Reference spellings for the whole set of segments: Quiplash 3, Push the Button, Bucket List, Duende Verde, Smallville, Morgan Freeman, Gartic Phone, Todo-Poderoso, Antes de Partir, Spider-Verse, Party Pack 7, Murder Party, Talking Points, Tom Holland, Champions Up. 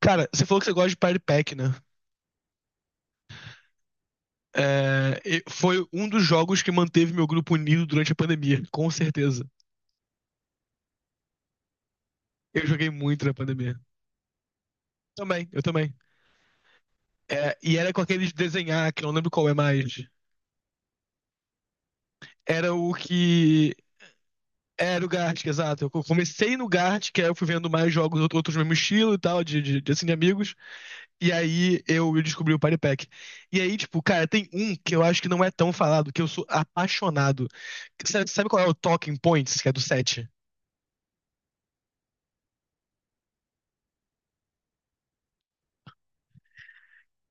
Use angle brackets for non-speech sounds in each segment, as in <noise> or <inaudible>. Cara, você falou que você gosta de Party Pack, né? É, foi um dos jogos que manteve meu grupo unido durante a pandemia, com certeza. Eu joguei muito na pandemia. Também, eu também. É, e era com aquele de desenhar, que eu não lembro qual é mais. Era o que. Era o Gartic, exato. Eu comecei no Gartic, que aí eu fui vendo mais jogos, outros do mesmo estilo e tal, assim, de amigos. E aí eu descobri o Party Pack. E aí, tipo, cara, tem um que eu acho que não é tão falado, que eu sou apaixonado. Sabe, sabe qual é? O Talking Points, que é do set.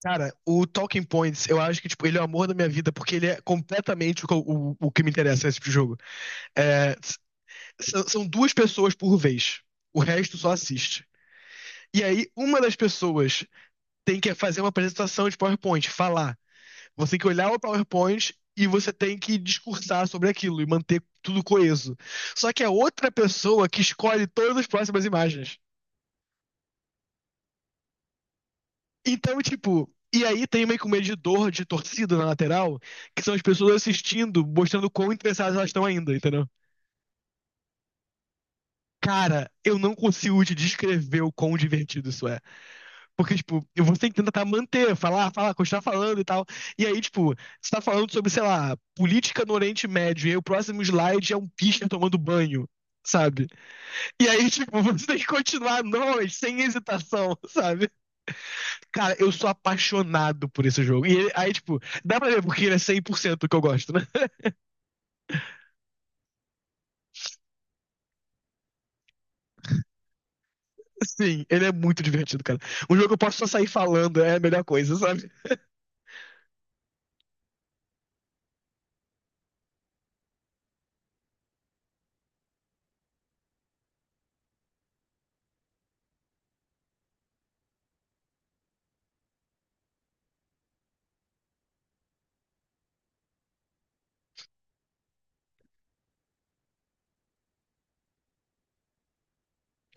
Cara, o Talking Points, eu acho que, tipo, ele é o amor da minha vida, porque ele é completamente o, o que me interessa nesse tipo de jogo. É, são duas pessoas por vez. O resto só assiste. E aí, uma das pessoas tem que fazer uma apresentação de PowerPoint, falar. Você tem que olhar o PowerPoint e você tem que discursar sobre aquilo e manter tudo coeso. Só que é outra pessoa que escolhe todas as próximas imagens. Então, tipo, e aí tem meio que um medidor de torcida na lateral, que são as pessoas assistindo, mostrando quão interessadas elas estão ainda, entendeu? Cara, eu não consigo te descrever o quão divertido isso é. Porque, tipo, você tem que tentar manter, falar, falar, continuar falando e tal. E aí, tipo, você tá falando sobre, sei lá, política no Oriente Médio, e aí o próximo slide é um pisca tomando banho, sabe? E aí, tipo, <laughs> você tem que continuar a noite sem hesitação, sabe? Cara, eu sou apaixonado por esse jogo. Aí, tipo, dá pra ver porque ele é 100% que eu gosto, né? <laughs> Sim, ele é muito divertido, cara. Um jogo que eu posso só sair falando é a melhor coisa, sabe?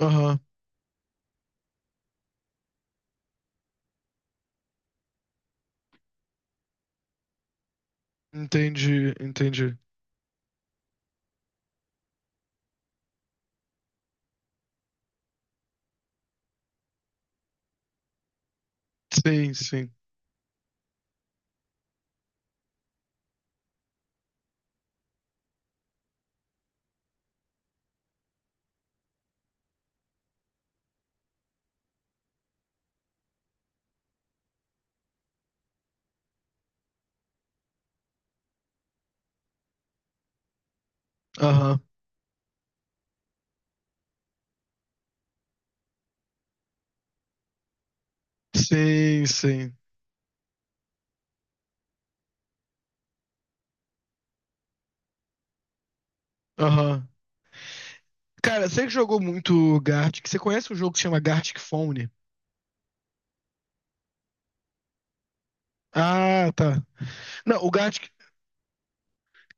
Aham, entendi, entendi. Sim, sim. Aham, sim, sim. Aham. Cara, você que jogou muito Gartic, você conhece um jogo que se chama Gartic Phone? Ah, tá. Não, o Gartic,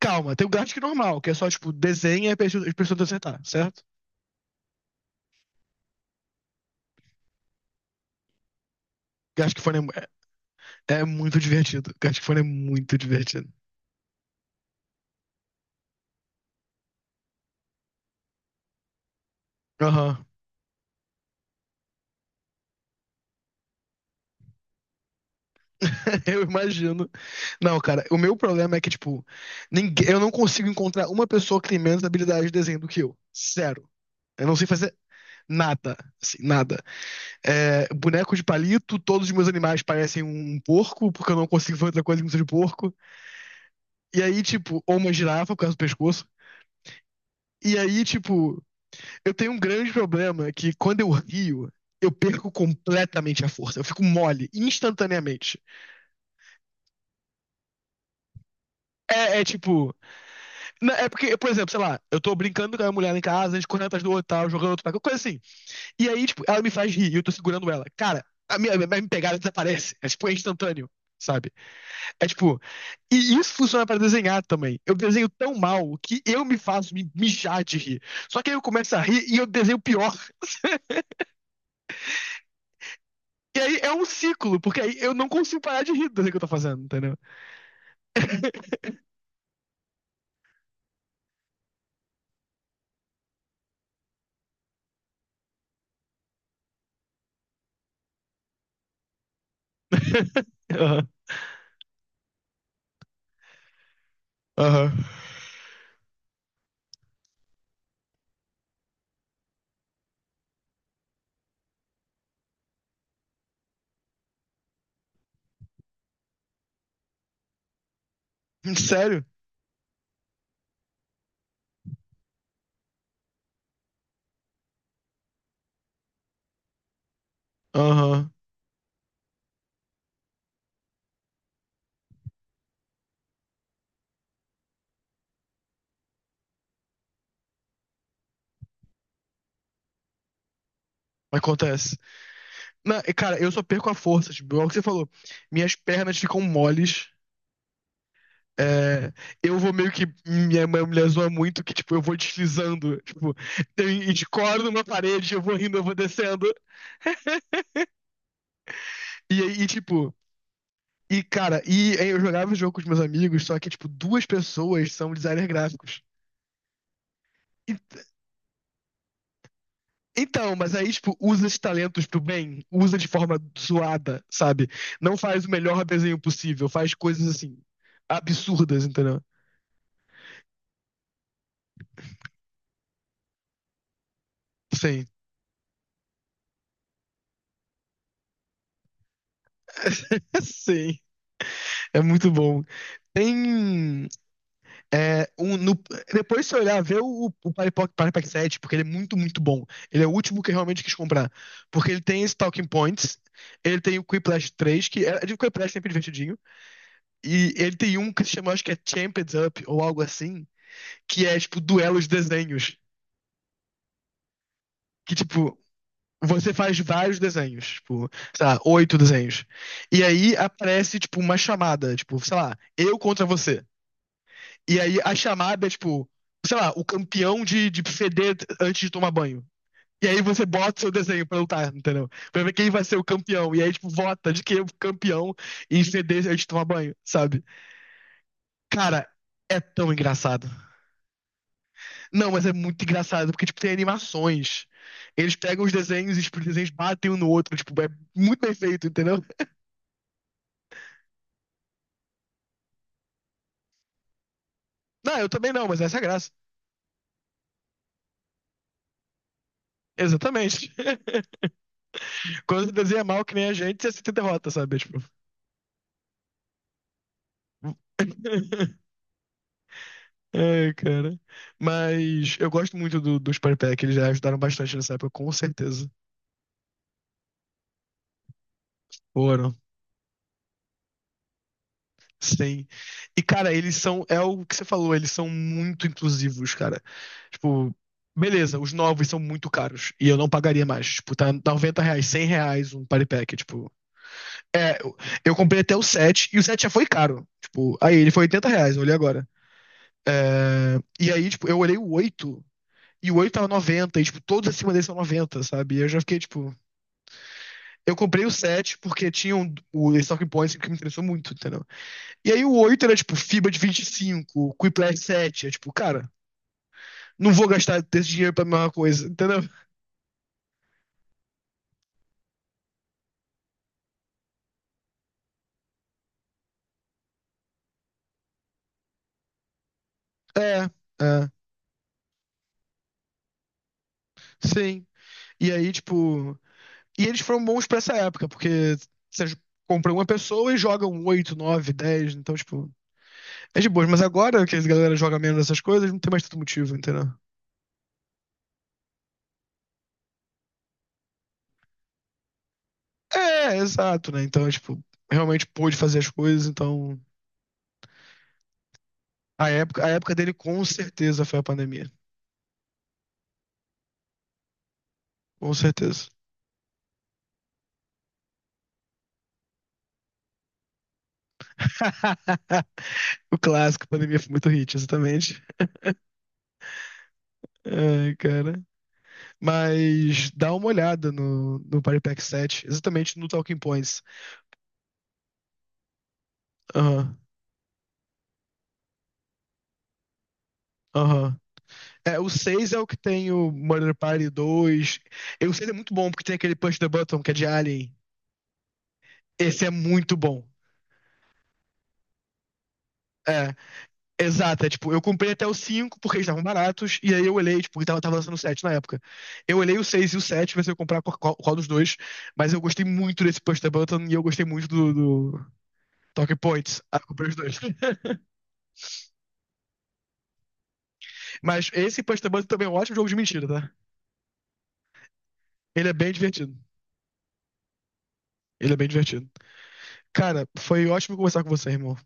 calma, tem o Gartic normal, que é só, tipo, desenha e as pessoas acertar, certo? Gartic Fun é, é é muito divertido. Gartic Fun é muito divertido. Aham, <laughs> eu imagino. Não, cara, o meu problema é que, tipo, ninguém, eu não consigo encontrar uma pessoa que tem menos habilidade de desenho do que eu. Zero. Eu não sei fazer nada, assim, nada. É, boneco de palito, todos os meus animais parecem um porco, porque eu não consigo fazer outra coisa que não seja de porco. E aí, tipo, ou uma girafa por causa do pescoço. E aí, tipo, eu tenho um grande problema que quando eu rio, eu perco completamente a força. Eu fico mole, instantaneamente. É, é tipo. É porque, por exemplo, sei lá, eu tô brincando com a mulher lá em casa, a gente correndo atrás do outro, tal, jogando outro, qualquer coisa assim. E aí, tipo, ela me faz rir e eu tô segurando ela. Cara, a minha pegada desaparece. É tipo, é instantâneo, sabe? É tipo. E isso funciona pra desenhar também. Eu desenho tão mal que eu me faço me mijar de rir. Só que aí eu começo a rir e eu desenho pior. E aí é um ciclo, porque aí eu não consigo parar de rir do que eu tô fazendo, entendeu? Aham. <laughs> Aham. Uhum. Uhum. Sério? Aham. Uhum. Acontece. Não, e, cara, eu só perco a força, tipo, é que você falou. Minhas pernas ficam moles. É, eu vou meio que. Minha mãe me zoa muito que, tipo, eu vou deslizando. Tipo, eu e de coro numa parede, eu vou rindo, eu vou descendo. E aí, tipo. E, cara, e aí eu jogava o jogo com os meus amigos, só que, tipo, duas pessoas são designers gráficos. E então, mas aí, tipo, usa esses talentos pro bem, usa de forma zoada, sabe? Não faz o melhor desenho possível, faz coisas assim, absurdas, entendeu? Sim. <laughs> Sim, é muito bom. Tem. É, depois, se olhar, vê o Party Pack 7, porque ele é muito, muito bom. Ele é o último que eu realmente quis comprar. Porque ele tem esse Talking Points, ele tem o Quiplash 3, que é é de Quiplash sempre divertidinho. E ele tem um que se chama, acho que é Champions Up ou algo assim, que é tipo duelos desenhos. Que, tipo, você faz vários desenhos, tipo, sei lá, oito desenhos. E aí aparece, tipo, uma chamada, tipo, sei lá, eu contra você. E aí a chamada é, tipo, sei lá, o campeão de feder antes de tomar banho. E aí você bota seu desenho pra lutar, entendeu? Pra ver quem vai ser o campeão. E aí, tipo, vota de quem é o campeão em feder antes de tomar banho, sabe? Cara, é tão engraçado. Não, mas é muito engraçado, porque, tipo, tem animações. Eles pegam os desenhos e tipo, os desenhos batem um no outro, tipo, é muito bem feito, entendeu? Não, eu também não, mas essa é a graça. Exatamente. <laughs> Quando você desenha mal que nem a gente, você se derrota, sabe? Tipo... <laughs> Ai, cara. Mas eu gosto muito do, dos Party Pack, eles já ajudaram bastante nessa época, com certeza. Foram. Sim. E, cara, eles são. É o que você falou, eles são muito inclusivos, cara. Tipo, beleza, os novos são muito caros. E eu não pagaria mais. Tipo, tá 90 reais, 100 reais um party pack. Tipo, eu comprei até o 7 e o 7 já foi caro. Tipo, aí ele foi 80 reais, eu olhei agora. E aí, tipo, eu olhei o 8 e o 8 tava noventa. E, tipo, todos acima dele são noventa, sabe? E eu já fiquei, tipo. Eu comprei o 7 porque tinha um, o Talking Points que me interessou muito, entendeu? E aí o 8 era, tipo, FIBA de 25, Quiplash 7. É, tipo, cara. Não vou gastar desse dinheiro pra mesma coisa, entendeu? É, é, sim. E aí, tipo. E eles foram bons pra essa época, porque você compra uma pessoa e joga um 8 9 dez, então, tipo. É de boas, mas agora que a galera joga menos essas coisas, não tem mais tanto motivo, entendeu? É, exato, né? Então, tipo, realmente pôde fazer as coisas, então. A época dele com certeza foi a pandemia. Com certeza. <laughs> O clássico, a pandemia foi muito hit, exatamente. Ai, cara. Mas dá uma olhada no, no Party Pack 7, exatamente no Talking Points. Aham, aham. É, o seis é o que tem o Murder Party dois. E o 6 é muito bom porque tem aquele Push the Button que é de Alien. Esse é muito bom. É, exato. É, tipo, eu comprei até o cinco porque eles estavam baratos. E aí eu olhei, tipo, que tava, tava lançando o 7 na época. Eu olhei o 6 e o 7, ver se eu comprar qual, qual dos dois. Mas eu gostei muito desse Push the Button e eu gostei muito do, do Talking Points. Ah, comprei os dois. <laughs> Mas esse Push the Button também é um ótimo jogo de mentira, tá? Ele é bem divertido. Ele é bem divertido. Cara, foi ótimo conversar com você, irmão.